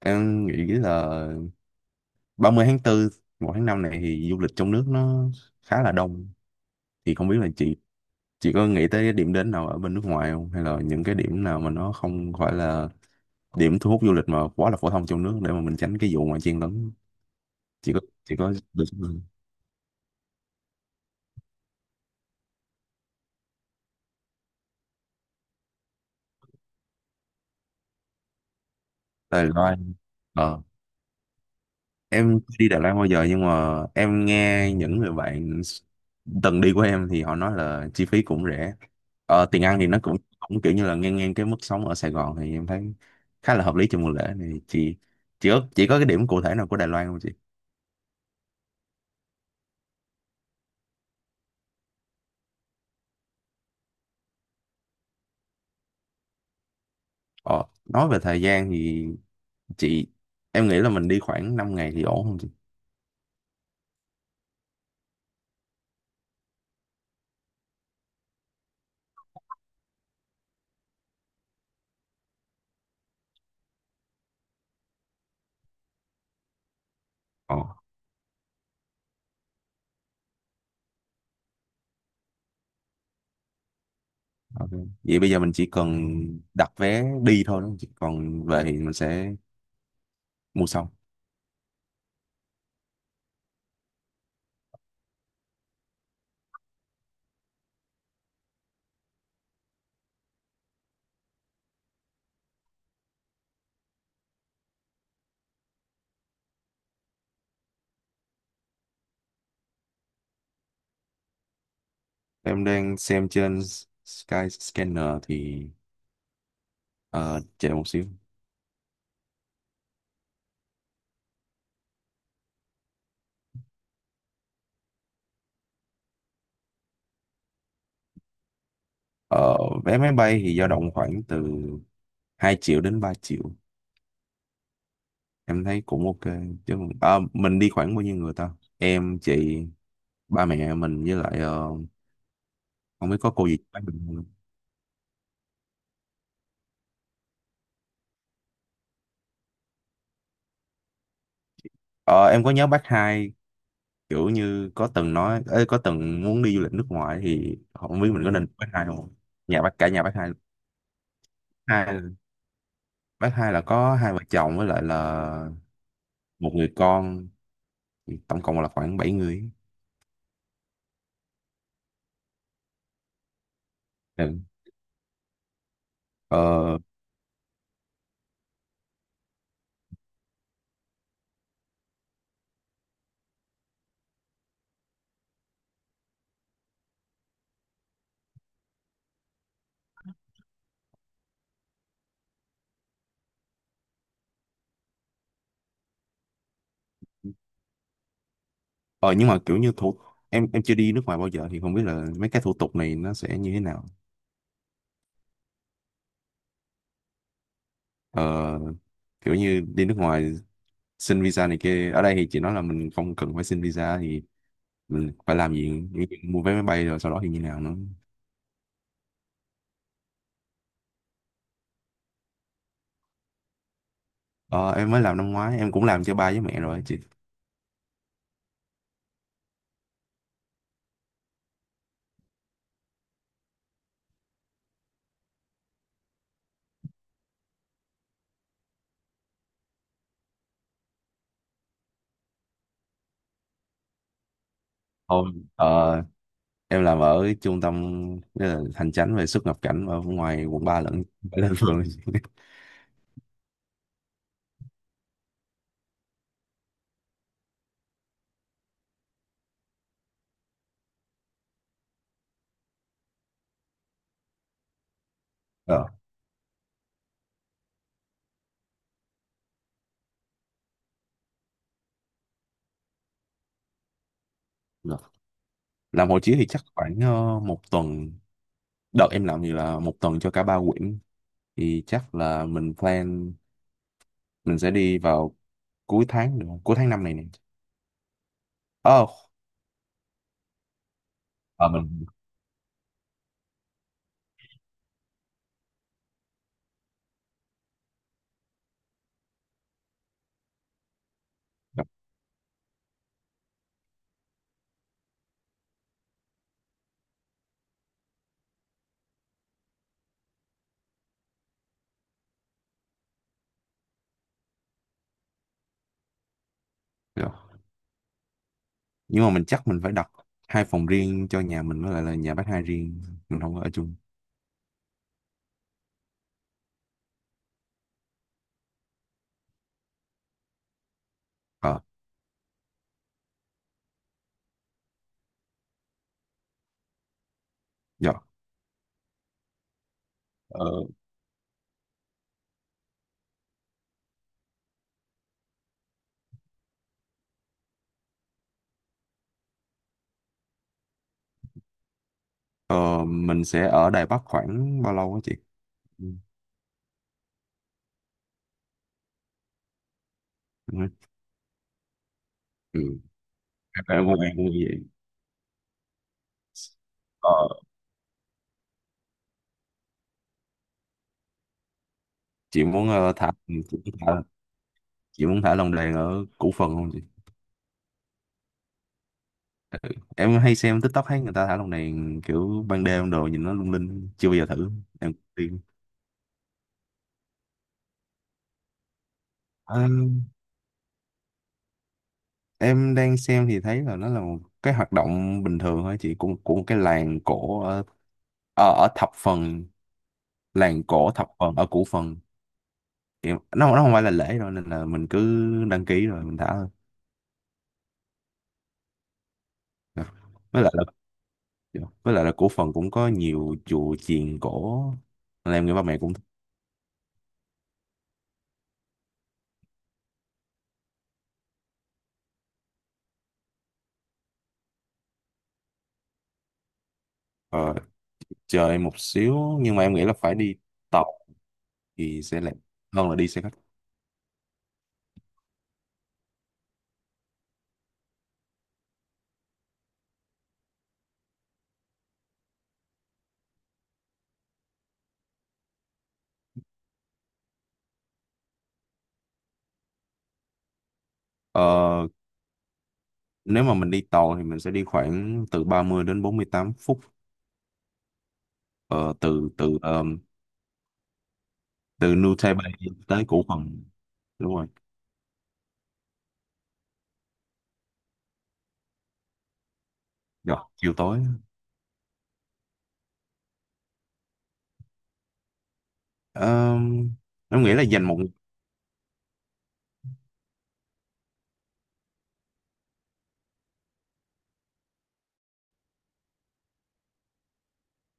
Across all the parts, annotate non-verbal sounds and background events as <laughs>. Em nghĩ là 30 tháng 4, 1 tháng 5 này thì du lịch trong nước nó khá là đông. Thì không biết là chị có nghĩ tới cái điểm đến nào ở bên nước ngoài không? Hay là những cái điểm nào mà nó không phải là điểm thu hút du lịch mà quá là phổ thông trong nước để mà mình tránh cái vụ mà chen lấn. Chị có được không? Đài Loan. Em chưa đi Đà Lạt bao giờ nhưng mà em nghe những người bạn từng đi của em thì họ nói là chi phí cũng rẻ, tiền ăn thì nó cũng cũng kiểu như là ngang ngang cái mức sống ở Sài Gòn thì em thấy khá là hợp lý cho mùa lễ này chị. Chỉ có cái điểm cụ thể nào của Đài Loan không chị? Ờ, nói về thời gian thì chị, em nghĩ là mình đi khoảng 5 ngày thì ổn không chị? ờ, ok. Vậy bây giờ mình chỉ cần đặt vé đi thôi đúng không chị, còn về thì mình sẽ mua sau. Em đang xem trên Skyscanner thì ờ, chờ một xíu. Ờ, vé máy bay thì dao động khoảng từ 2 triệu đến 3 triệu. Em thấy cũng ok. Chứ à, mình đi khoảng bao nhiêu người ta? Em, chị, ba mẹ mình với lại, không biết có cô gì bác mình không? Ờ, em có nhớ bác hai kiểu như có từng nói, ê, có từng muốn đi du lịch nước ngoài thì không biết mình có nên bác hai không? Nhà bác cả, nhà bác hai. Hai bác hai là có hai vợ chồng với lại là một người con, tổng cộng là khoảng 7 người. Ừ. ờ, ờ nhưng mà kiểu như thủ em chưa đi nước ngoài bao giờ thì không biết là mấy cái thủ tục này nó sẽ như thế nào. ờ, Kiểu như đi nước ngoài xin visa này kia, ở đây thì chị nói là mình không cần phải xin visa thì mình phải làm gì? Như chuyện mua vé máy bay rồi sau đó thì như nào nữa? Ờ, em mới làm năm ngoái, em cũng làm cho ba với mẹ rồi chị. ờ, em làm ở trung tâm, hành chánh về xuất nhập cảnh ở ngoài quận 3, lẫn lên phường. <laughs> Ờ. Làm hộ chiếu thì chắc khoảng 1 tuần, đợt em làm thì là 1 tuần cho cả 3 quyển. Thì chắc là mình plan mình sẽ đi vào cuối tháng được không? Cuối tháng năm này nè. ờ ờ, mình đặt được. Nhưng mà mình chắc mình phải đặt 2 phòng riêng cho nhà mình với lại là nhà bác hai riêng, mình không có ở chung. Ờ. Dạ. ờ, ờ, mình sẽ ở Đài Bắc khoảng bao lâu á chị? Ừ. Ừ. Em cũng vậy. ờ, chị muốn ờ, thả chị muốn thả chị muốn thả lồng đèn ở Củ Phần không? Em hay xem TikTok thấy người ta thả lồng đèn kiểu ban đêm đồ, nhìn nó lung linh, chưa bao giờ thử. Em tiên. Ờ, em đang xem thì thấy là nó là một cái hoạt động bình thường thôi chị, của một cái làng cổ ở ở, ở thập phần, làng cổ thập phần ở Củ Phần. Thì nó không phải là lễ đâu nên là mình cứ đăng ký rồi mình thả thôi. Dạ. Với lại là, dạ, với lại là Củ Phần cũng có nhiều chùa chiền cổ nên em nghĩ ba mẹ cũng thích. ờ, Chờ em một xíu, nhưng mà em nghĩ là phải đi tàu thì sẽ lẹ hơn là đi xe khách. Ờ, nếu mà mình đi tàu thì mình sẽ đi khoảng từ 30 đến 48 phút, ờ, từ từ ờ, từ New Taipei tới Củ Phần, đúng rồi. Rồi chiều tối. Ờ, em nghĩ là dành một,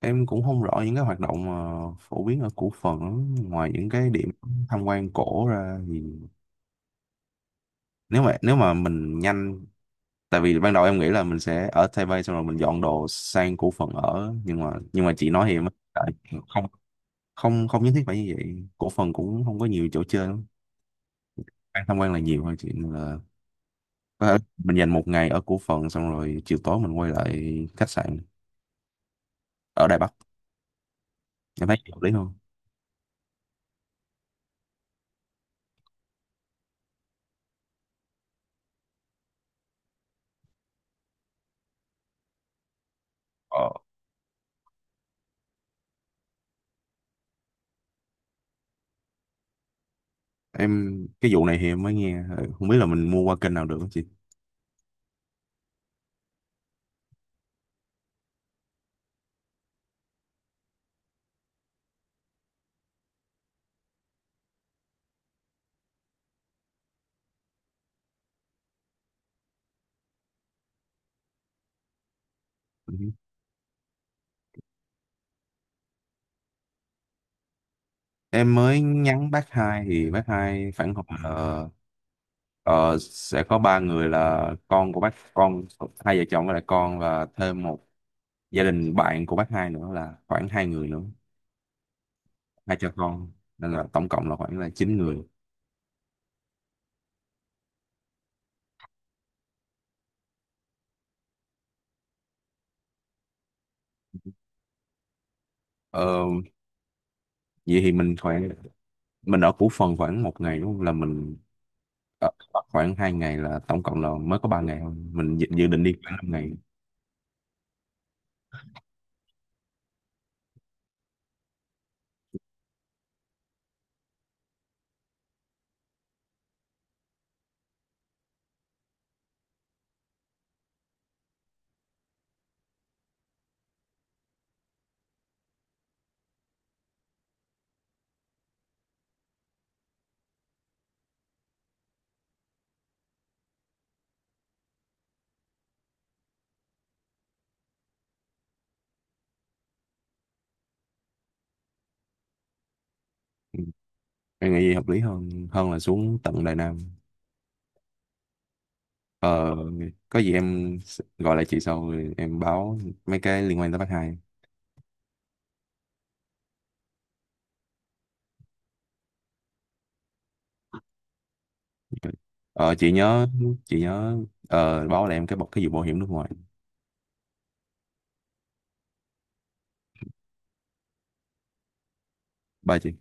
em cũng không rõ những cái hoạt động mà phổ biến ở Củ Phần lắm, ngoài những cái điểm tham quan cổ ra thì, nếu mà mình nhanh, tại vì ban đầu em nghĩ là mình sẽ ở Taipei xong rồi mình dọn đồ sang Củ Phần ở nhưng mà, chị nói thì em mới- tại, không, không, không nhất thiết phải như vậy. Cổ phần cũng không có nhiều chỗ chơi lắm, ăn tham quan là nhiều thôi, chuyện là có thể mình dành 1 ngày ở cổ phần xong rồi chiều tối mình quay lại khách sạn ở Đài Bắc, em thấy hợp lý không? ờ, em, cái vụ này thì em mới nghe, ừ, không biết là mình mua qua kênh nào được không chị? Ừ. Em mới nhắn bác hai thì bác hai phản hồi là sẽ có 3 người là con của bác, con hai vợ chồng với lại con, và thêm một gia đình bạn của bác hai nữa là khoảng 2 người nữa, hai cha con, nên là tổng cộng là khoảng là 9 người. ờ, Vậy thì mình khoảng, mình ở Củ Phần khoảng 1 ngày đúng không, là mình ở Bắc khoảng 2 ngày là tổng cộng là mới có 3 ngày thôi, mình dự định đi khoảng 5 ngày. Em nghĩ gì hợp lý hơn hơn là xuống tận Đài Nam. ờ, có gì em s- gọi lại chị sau rồi em báo mấy cái liên quan tới bác hai. ờ, chị nhớ chị nhớ báo lại em cái bọc cái vụ bảo hiểm nước ngoài. Ba chị.